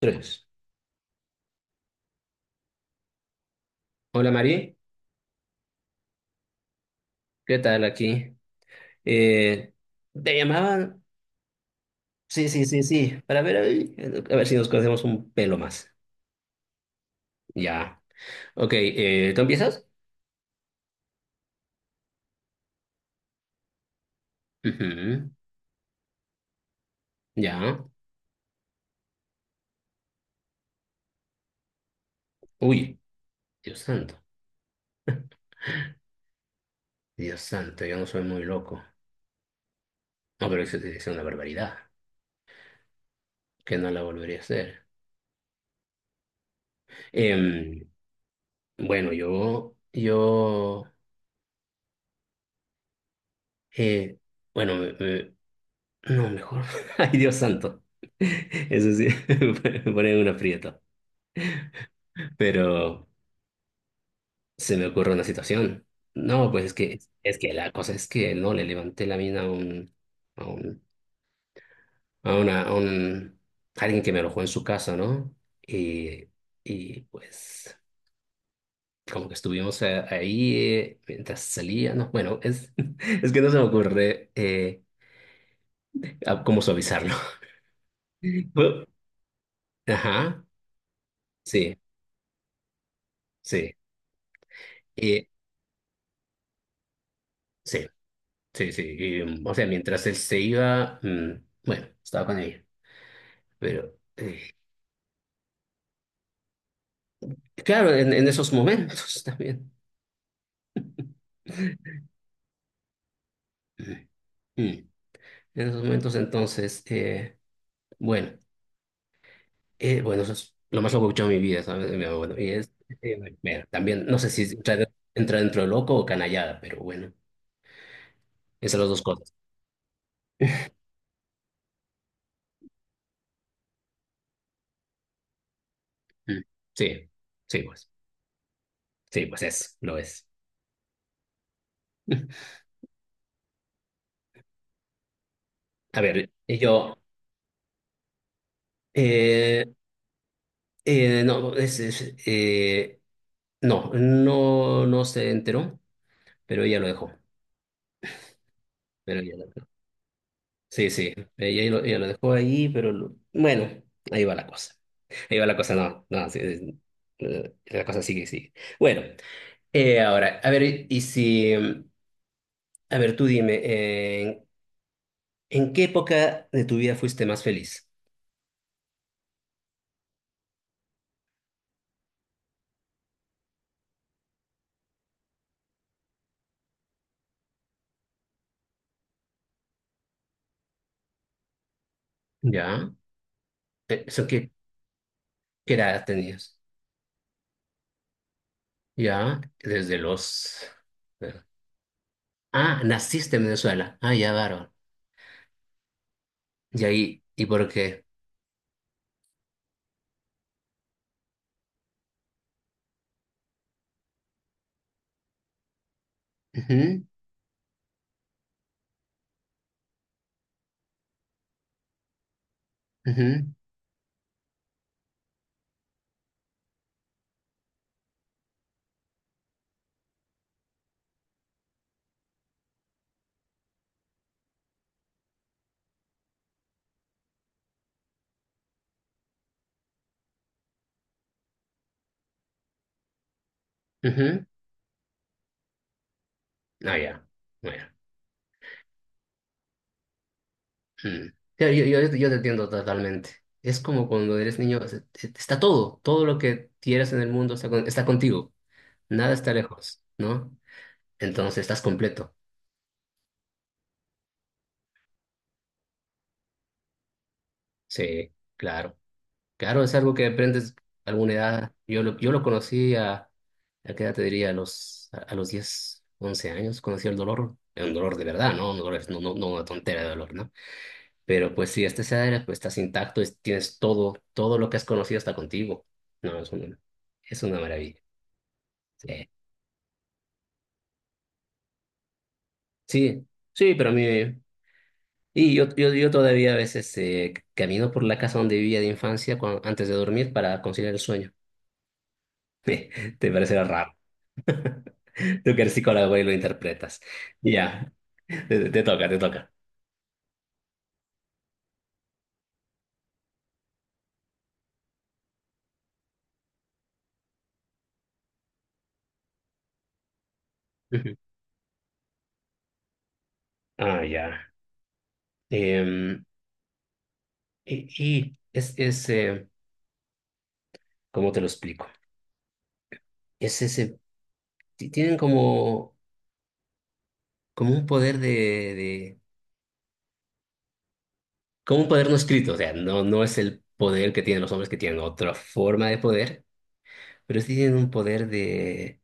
Tres. Hola Mari, ¿qué tal aquí? Eh, ¿Te llamaban? Sí, sí, sí, sí, para ver, ahí, a ver si nos conocemos un pelo más. Ya. Ok, ¿tú empiezas? Ujú, ya. Uy, Dios santo, Dios santo, yo no soy muy loco. No, pero eso es una barbaridad, que no la volvería a hacer. Em, bueno, yo, eh, bueno, no, mejor. Ay, Dios santo. Eso sí, me pone un aprieto. Pero se me ocurre una situación. No, pues es que la cosa es que no le levanté la mina a un, a un, a una, a un, a alguien que me alojó en su casa, ¿no? Y, y pues como que estuvimos ahí, mientras salía, ¿no? Bueno, es, es que no se me ocurre, cómo suavizarlo. Bueno, ajá, sí, sí, y, sí, sí, sí, y, o sea, mientras él se iba, bueno, estaba con ella, pero... eh, claro, en esos momentos también. Mm. En esos momentos, entonces, bueno, bueno, eso es lo más loco que he escuchado en mi vida, ¿sabes? Mi abuelo. Y es, bueno, también, no sé si entra dentro de loco o canallada, pero bueno, esas son las dos cosas. Mm. Sí, sí, pues, sí, pues es, lo es. A ver, eh, no, es, no, no, no se enteró, pero ella lo dejó, pero ella, sí, sí, ella lo dejó ahí, bueno, ahí va la cosa. Ahí va la cosa, no, no, sí, sí, la cosa sigue, sigue. Bueno, ahora, a ver, y si, mm, a ver, tú dime, ¿en qué época de tu vida fuiste más feliz? ¿Ya? Eh, ¿Eso qué, ¿qué edad tenías? ¿Ya? Desde los... Ah, naciste en Venezuela. Ah, ya, bárbaro. ¿Y ahí? ¿Y por qué? Ujú, ujú, ujú. Ah, ya. Bueno. Mm. Claro, yo te entiendo totalmente. Es como cuando eres niño, o sea, está todo, todo lo que quieras en el mundo está contigo, nada está lejos, ¿no? Entonces estás completo. Sí, claro. Claro, es algo que aprendes a alguna edad. Yo lo conocí ¿a qué edad te diría? A los 10 11 años, conocí el dolor. Era un dolor de verdad, ¿no? Un dolor, no, no, no una tontera de dolor, ¿no? Pero pues si este cenário pues, estás intacto, tienes todo, todo lo que has conocido está contigo. No, es una, maravilla. Sí, sí, sí, pero a mí... Y yo todavía a veces, camino por la casa donde vivía de infancia antes de dormir para conciliar el sueño. Te parecerá raro. Tú que eres psicólogo y lo interpretas. Ya, te toca, te toca. Ujú. Ah, ya. Em, y, y es ¿cómo te lo explico? Es ese, tienen como un poder de- como un poder no escrito, o sea, no, no es el poder que tienen los hombres que tienen otra forma de poder, pero sí tienen un poder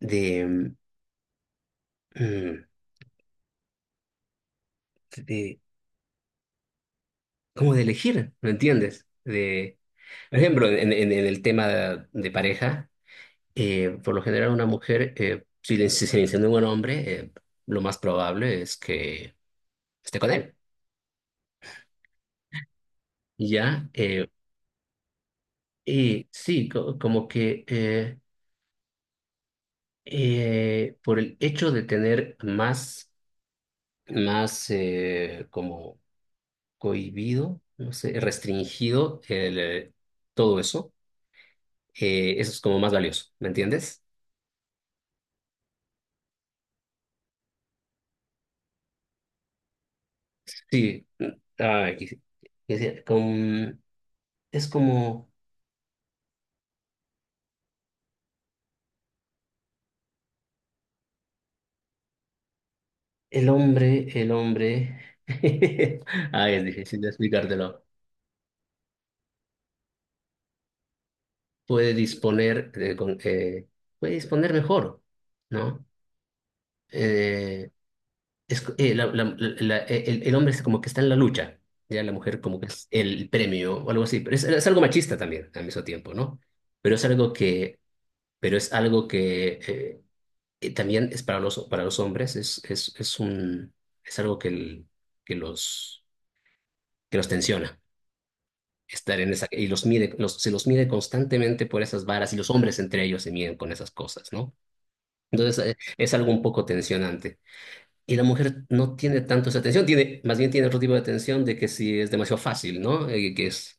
de, mm, de- como de elegir, ¿me entiendes? Por ejemplo, en el tema de, pareja, por lo general una mujer, si se le insinúa un hombre, lo más probable es que esté con él. ¿Ya? Y sí, Por el hecho de tener más, como cohibido, no sé, restringido el, todo eso, eso es como más valioso, ¿me entiendes? Sí, sí, y sí, con- es como el hombre, es difícil de explicártelo, puede disponer, de, con- eh, puede disponer mejor, ¿no? Eh, es, co- la- la- la- El hombre es como que está en la lucha, ya la mujer como que es el premio o algo así, pero es algo machista también al mismo tiempo, ¿no? Pero es algo que, pero es algo que, también es para para los hombres, es algo que, que los, que los tensiona, estar en esa, y los mide, se los mide constantemente por esas varas y los hombres entre ellos se miden con esas cosas, ¿no? Entonces, es algo un poco tensionante. Y la mujer no tiene tanto esa atención, tiene, más bien tiene otro tipo de atención de que si es demasiado fácil, ¿no?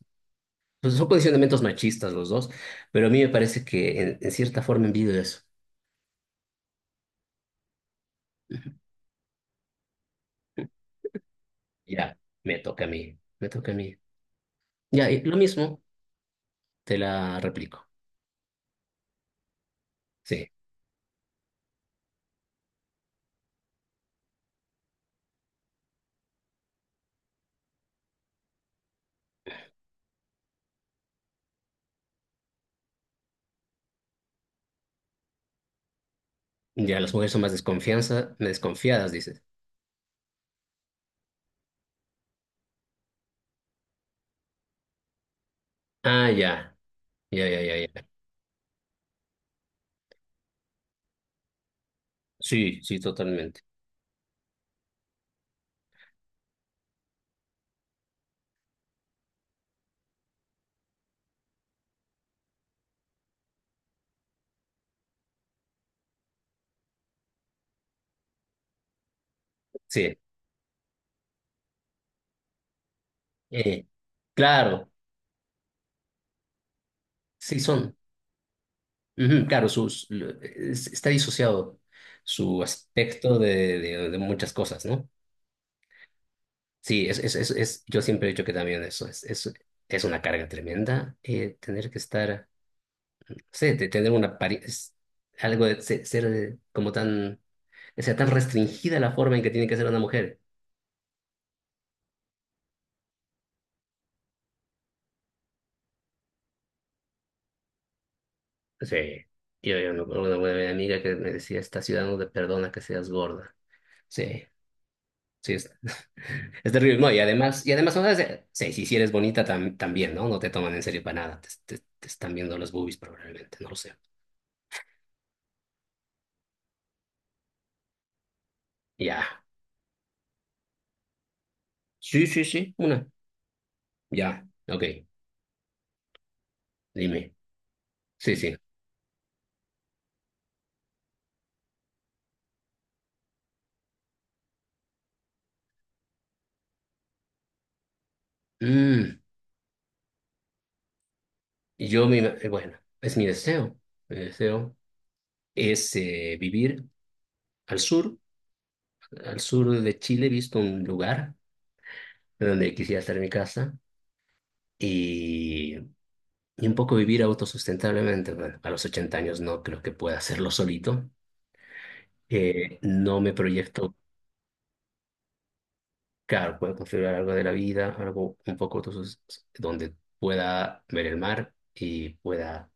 Pues son condicionamientos machistas los dos, pero a mí me parece que en cierta forma envidio eso. Ujú. Ya, me toca a mí, me toca a mí. Ya, y lo mismo, te la replico. Sí, ya las mujeres son más desconfianza, desconfiadas, dices. Ah, ya, ya, ya, ya, ya. Sí, sí, totalmente. Sí, eh, claro, sí son. Ujú, claro, está disociado su aspecto de muchas cosas, ¿no? Sí, yo siempre he dicho que también eso es, es una carga tremenda, tener que estar, no sé, de es algo de ser, como tan, o sea, tan restringida la forma en que tiene que ser una mujer. Sí, yo me acuerdo de una buena amiga que me decía, esta ciudad no te perdona que seas gorda. Sí. Sí, es, es terrible. No, y además, o sea, sí, sí, si eres bonita también, ¿no? No te toman en serio para nada. Te están viendo los boobies probablemente, no lo sé. Ya. Sí, sí, sí, una. Ya. Ok, dime. Sí, sí. Mm, bueno, es mi deseo. Mi deseo es, vivir al sur, al sur de Chile, he visto un lugar donde quisiera hacer mi casa y, y un poco vivir autosustentablemente. Bueno, a los 80 años no creo que pueda hacerlo solito. No me proyecto, claro, puedo configurar algo de la vida, algo un poco entonces, donde pueda ver el mar y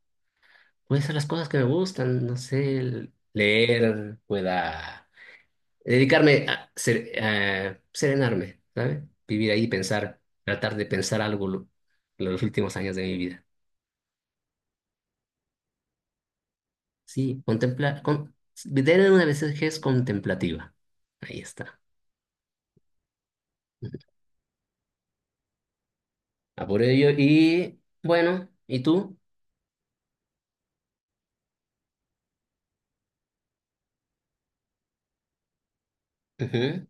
puede hacer las cosas que me gustan, no sé, leer, pueda dedicarme a serenarme, ¿sabes? Vivir ahí, pensar, tratar de pensar algo los últimos años de mi vida. Sí, contemplar, tener una vejez contemplativa. Ahí está. A por ello, y bueno, ¿y tú? Ujú.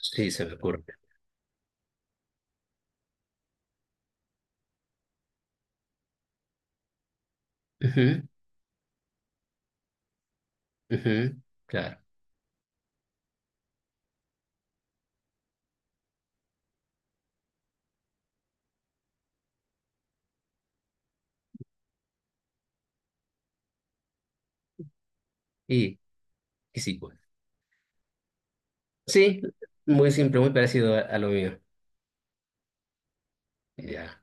Sí, se me ocurre. Ujú, ujú, claro. Y, y sí, pues. Sí, muy simple, muy parecido a lo mío. Ya,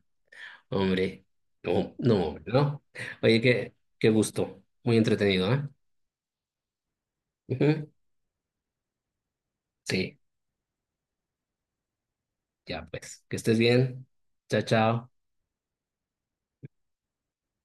hombre. No, no, hombre, ¿no? Oye, qué gusto. Muy entretenido, ¿eh? Ujú. Sí, ya, pues. Que estés bien. Chao, chao.